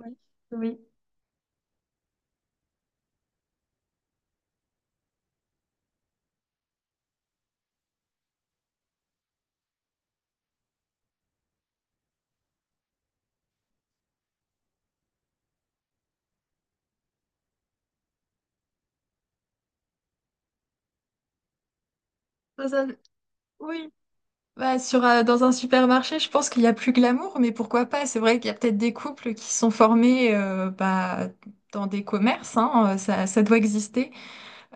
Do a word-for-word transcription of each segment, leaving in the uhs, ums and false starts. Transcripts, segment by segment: Oui. Oui. Dans un- oui. Bah, sur, euh, dans un supermarché, je pense qu'il y a plus glamour, mais pourquoi pas? C'est vrai qu'il y a peut-être des couples qui sont formés euh, bah, dans des commerces, hein, euh, ça, ça doit exister.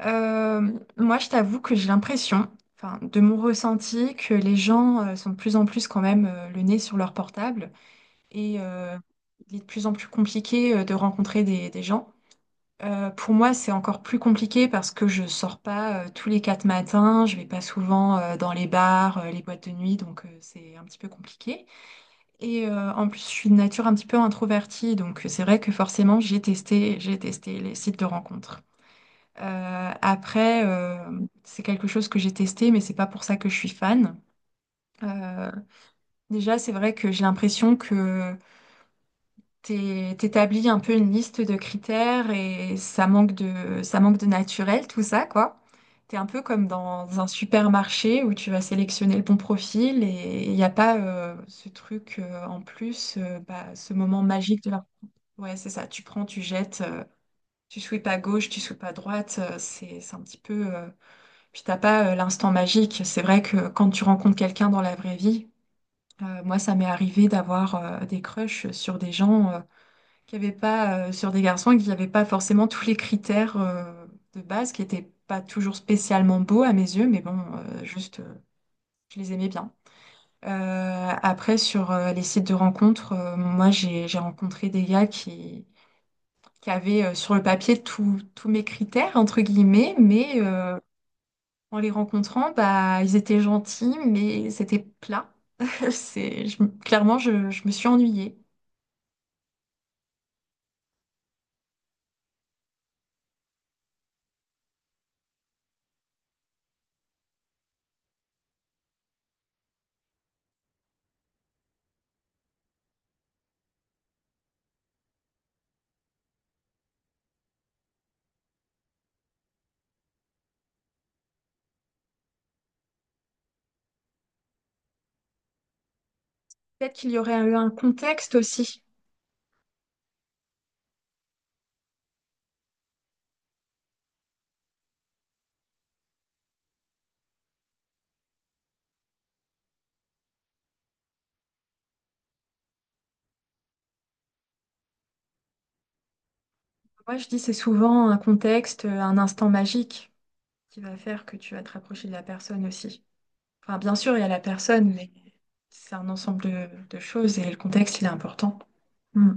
Euh, Moi, je t'avoue que j'ai l'impression, enfin, de mon ressenti, que les gens euh, sont de plus en plus quand même euh, le nez sur leur portable et euh, il est de plus en plus compliqué euh, de rencontrer des, des gens. Euh, pour moi, c'est encore plus compliqué parce que je sors pas euh, tous les quatre matins, je vais pas souvent euh, dans les bars, euh, les boîtes de nuit, donc euh, c'est un petit peu compliqué. Et euh, en plus, je suis de nature un petit peu introvertie, donc euh, c'est vrai que forcément, j'ai testé, j'ai testé les sites de rencontres. Euh, après, euh, c'est quelque chose que j'ai testé, mais c'est pas pour ça que je suis fan. Euh, déjà, c'est vrai que j'ai l'impression que t'é- t'établis un peu une liste de critères et ça manque de, ça manque de naturel, tout ça, quoi. T'es un peu comme dans un supermarché où tu vas sélectionner le bon profil et il n'y a pas euh, ce truc euh, en plus, euh, bah, ce moment magique de la. Ouais, c'est ça, tu prends, tu jettes, euh, tu sweeps à gauche, tu sweeps à droite, euh, c'est c'est un petit peu. euh, Puis t'as pas euh, l'instant magique. C'est vrai que quand tu rencontres quelqu'un dans la vraie vie, euh, moi ça m'est arrivé d'avoir euh, des crushs sur des gens euh, qu'il n'y avait pas euh, sur des garçons, qu'il n'y avait pas forcément tous les critères euh, de base qui n'étaient pas toujours spécialement beaux à mes yeux, mais bon, euh, juste, euh, je les aimais bien. Euh, après, sur euh, les sites de rencontres, euh, moi, j'ai, j'ai rencontré des gars qui, qui avaient euh, sur le papier tous tous mes critères, entre guillemets, mais euh, en les rencontrant, bah, ils étaient gentils, mais c'était plat. C'est, je- clairement, je, je me suis ennuyée. Peut-être qu'il y aurait eu un contexte aussi. Moi, je dis c'est souvent un contexte, euh, un instant magique qui va faire que tu vas te rapprocher de la personne aussi. Enfin, bien sûr, il y a la personne, mais c'est un ensemble de, de choses et le contexte, il est important. Hmm.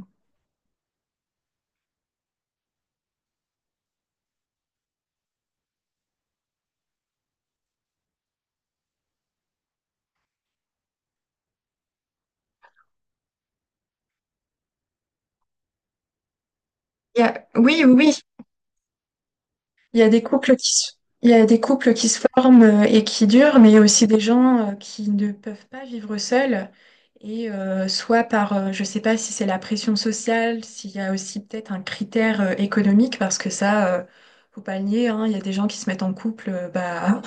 Il y a- Oui, oui, oui. Il y a des couples qui se, il y a des couples qui se forment euh, et qui durent, mais il y a aussi des gens euh, qui ne peuvent pas vivre seuls. Et euh, soit par, euh, je ne sais pas si c'est la pression sociale, s'il y a aussi peut-être un critère euh, économique, parce que ça, euh, faut pas le nier, hein, il y a des gens qui se mettent en couple euh, bah,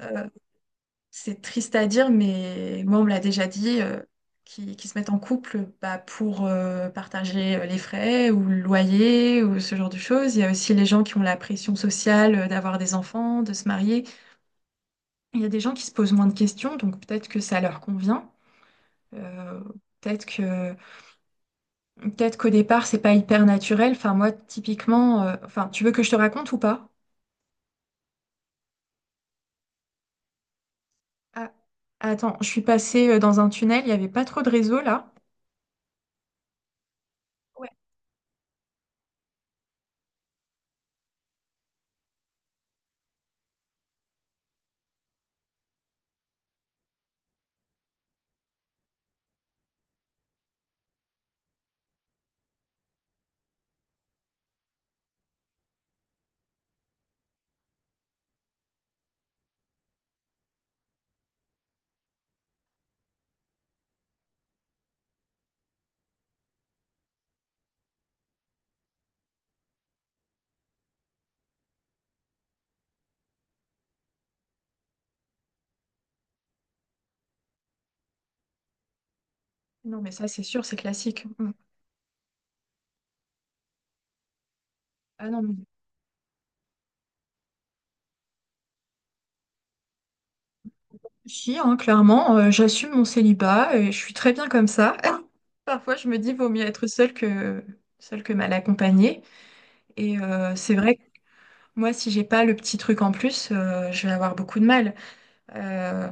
C'est triste à dire, mais moi, on me l'a déjà dit, euh, qui, qui se mettent en couple bah, pour euh, partager euh, les frais ou le loyer ou ce genre de choses. Il y a aussi les gens qui ont la pression sociale euh, d'avoir des enfants, de se marier. Il y a des gens qui se posent moins de questions, donc peut-être que ça leur convient. Euh, peut-être que, peut-être qu'au départ, c'est pas hyper naturel. Enfin, moi, typiquement, euh, enfin, tu veux que je te raconte ou pas? Ah, attends, je suis passée euh, dans un tunnel, il n'y avait pas trop de réseau là. Ouais. Non, mais ça, c'est sûr, c'est classique. Mm. Ah non, mais si, hein, clairement, euh, j'assume mon célibat et je suis très bien comme ça. Parfois, je me dis, vaut mieux être seule que, seule que mal accompagnée. Et euh, c'est vrai que moi, si j'ai pas le petit truc en plus, euh, je vais avoir beaucoup de mal. Euh,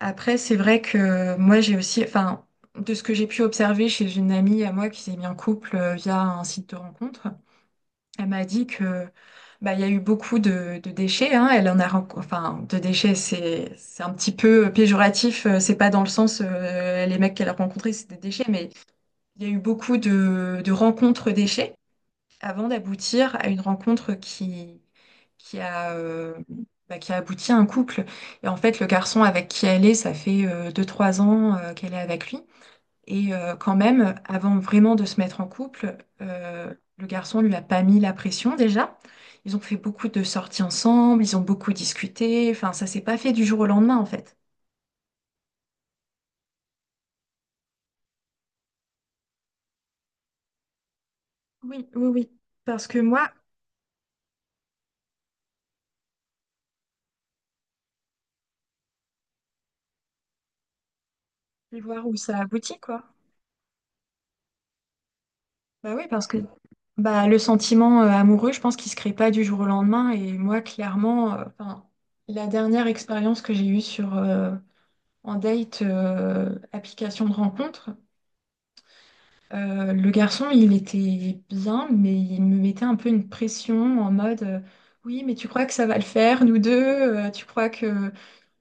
après, c'est vrai que moi, j'ai aussi, enfin, de ce que j'ai pu observer chez une amie à moi qui s'est mis en couple euh, via un site de rencontre. Elle m'a dit que bah, il y a eu beaucoup de, de déchets, hein. Elle en a, ren- enfin, de déchets, c'est c'est un petit peu euh, péjoratif. euh, C'est pas dans le sens euh, les mecs qu'elle a rencontrés, c'est des déchets, mais il y a eu beaucoup de, de rencontres déchets avant d'aboutir à une rencontre qui qui a euh, bah, qui a abouti à un couple. Et en fait, le garçon avec qui elle est, ça fait euh, deux trois ans euh, qu'elle est avec lui. Et euh, quand même, avant vraiment de se mettre en couple, euh, le garçon lui a pas mis la pression déjà. Ils ont fait beaucoup de sorties ensemble, ils ont beaucoup discuté. Enfin, ça s'est pas fait du jour au lendemain en fait. Oui, oui, oui. Parce que moi, je vais voir où ça aboutit, quoi. Bah oui, parce que bah, le sentiment euh, amoureux, je pense qu'il se crée pas du jour au lendemain. Et moi, clairement, euh, enfin, la dernière expérience que j'ai eue sur euh, en date euh, application de rencontre, Euh, le garçon, il était bien, mais il me mettait un peu une pression en mode euh, oui, mais tu crois que ça va le faire, nous deux? Euh, tu crois que.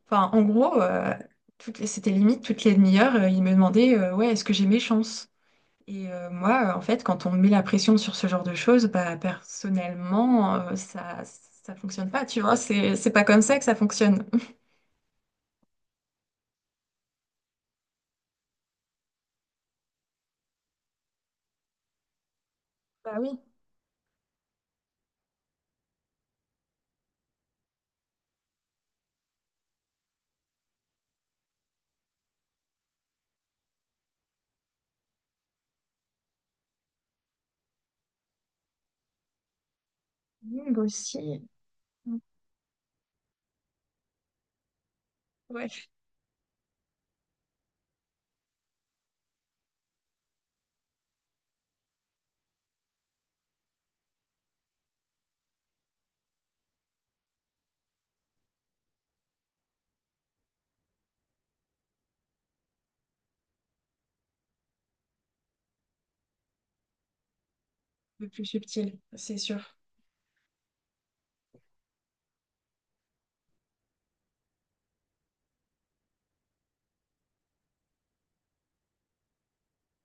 Enfin, en gros, euh, toutes les- c'était limite toutes les demi-heures, euh, il me demandait euh, ouais, est-ce que j'ai mes chances? Et euh, moi, euh, en fait, quand on me met la pression sur ce genre de choses, bah, personnellement, euh, ça, ça fonctionne pas, tu vois, c'est, c'est pas comme ça que ça fonctionne. Bah oui, moi aussi. Ouais, le plus subtil, c'est sûr.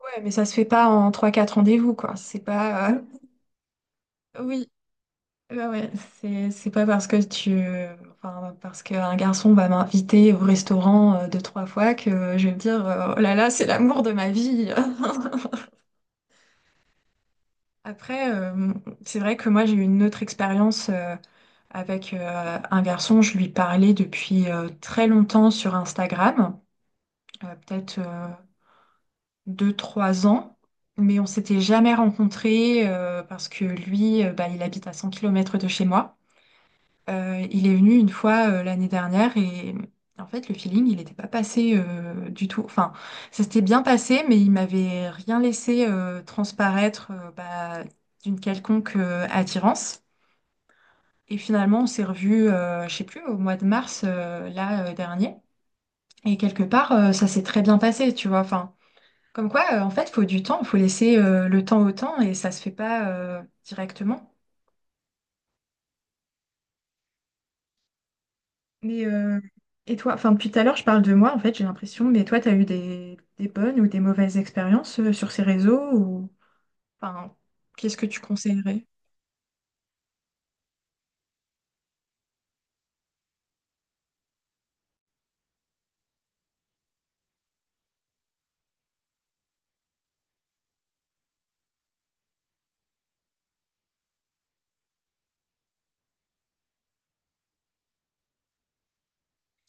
Ouais, mais ça se fait pas en trois quatre rendez-vous, quoi. C'est pas. Euh, Oui, ouais, ouais. C'est, c'est pas parce que tu. Enfin, parce qu'un garçon va m'inviter au restaurant euh, deux, trois fois que je vais me dire, euh, oh là là, c'est l'amour de ma vie. Après, euh, c'est vrai que moi, j'ai eu une autre expérience euh, avec euh, un garçon. Je lui parlais depuis euh, très longtemps sur Instagram. Euh, peut-être. euh, deux, trois ans, mais on s'était jamais rencontrés euh, parce que lui, euh, bah, il habite à cent kilomètres de chez moi. Euh, il est venu une fois euh, l'année dernière et en fait, le feeling, il n'était pas passé euh, du tout. Enfin, ça s'était bien passé, mais il m'avait rien laissé euh, transparaître euh, bah, d'une quelconque euh, attirance. Et finalement, on s'est revus, euh, je sais plus, au mois de mars euh, là euh, dernier. Et quelque part, euh, ça s'est très bien passé, tu vois. Enfin, comme quoi, euh, en fait, il faut du temps, il faut laisser euh, le temps au temps et ça se fait pas euh, directement. Mais euh, et toi, enfin depuis tout à l'heure, je parle de moi, en fait, j'ai l'impression, mais toi, tu as eu des, des bonnes ou des mauvaises expériences euh, sur ces réseaux ou enfin, qu'est-ce que tu conseillerais?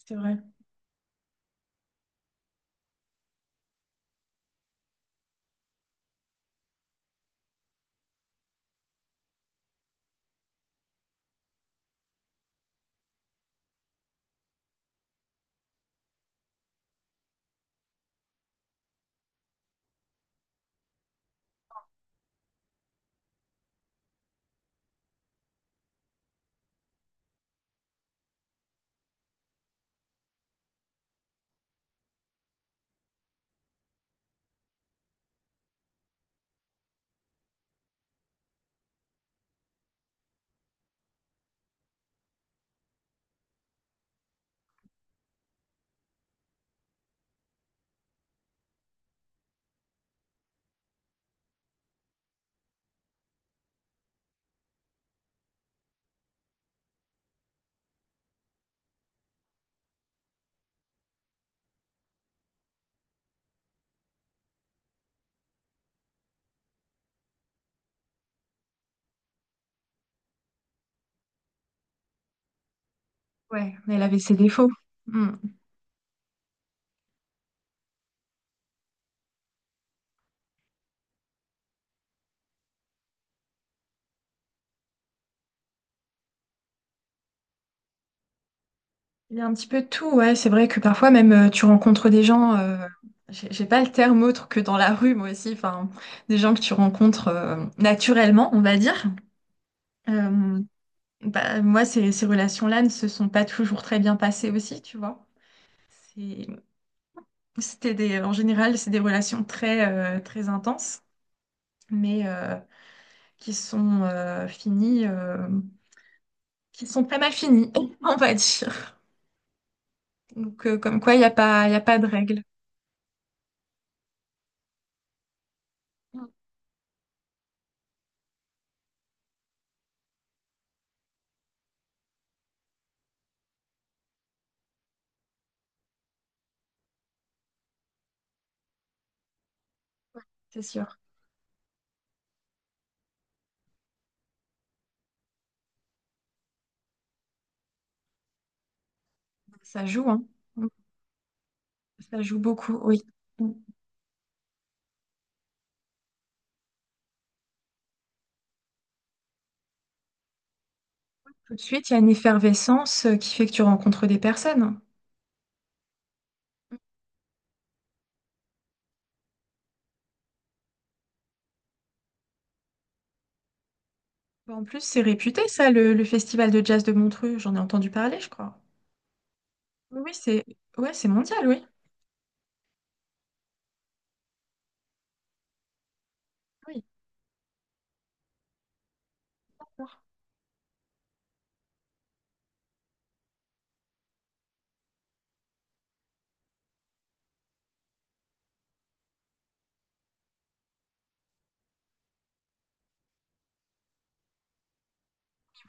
C'est vrai. Ouais, mais elle avait ses défauts. Hmm. Il y a un petit peu de tout, ouais. C'est vrai que parfois même euh, tu rencontres des gens, euh, j'ai j'ai pas le terme autre que dans la rue, moi aussi, enfin, des gens que tu rencontres euh, naturellement, on va dire. Euh, Bah, moi, ces, ces relations-là ne se sont pas toujours très bien passées aussi, tu vois. C'est- C'était des, en général, c'est des relations très, euh, très intenses, mais euh, qui sont euh, finies, euh, qui sont pas mal finies, on va dire. Donc, euh, comme quoi, il n'y a pas, il a pas de règle. C'est sûr. Ça joue, hein. Ça joue beaucoup, oui. Tout de suite, il y a une effervescence euh, qui fait que tu rencontres des personnes. En plus, c'est réputé, ça, le, le festival de jazz de Montreux. J'en ai entendu parler, je crois. Oui, oui, c'est ouais, c'est mondial, oui. Oui, d'accord.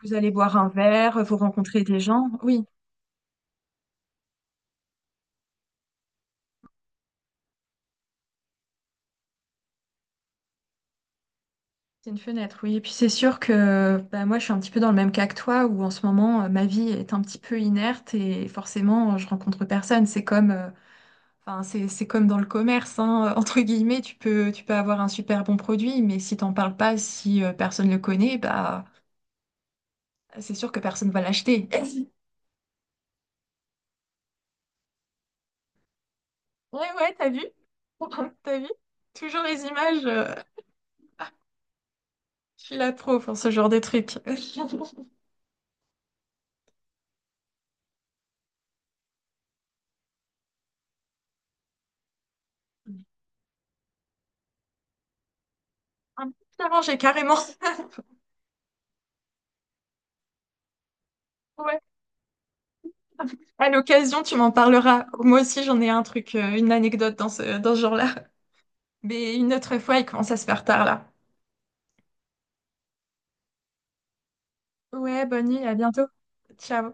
Vous allez boire un verre, vous rencontrez des gens. Oui, c'est une fenêtre, oui. Et puis c'est sûr que bah, moi, je suis un petit peu dans le même cas que toi, où en ce moment, euh, ma vie est un petit peu inerte et forcément, je rencontre personne. C'est comme, euh, enfin, c'est, c'est comme dans le commerce, hein, entre guillemets, tu peux, tu peux avoir un super bon produit, mais si t'en parles pas, si euh, personne le connaît, bah, c'est sûr que personne va l'acheter. Ouais, ouais, t'as vu? T'as vu? Toujours les images. euh, Je suis là trop pour ce genre de truc. Un petit arrangé, carrément. Ouais. À l'occasion, tu m'en parleras. Moi aussi, j'en ai un truc, euh, une anecdote dans ce, dans ce genre-là. Mais une autre fois, il commence à se faire tard là. Ouais, bonne nuit, à bientôt. Ciao.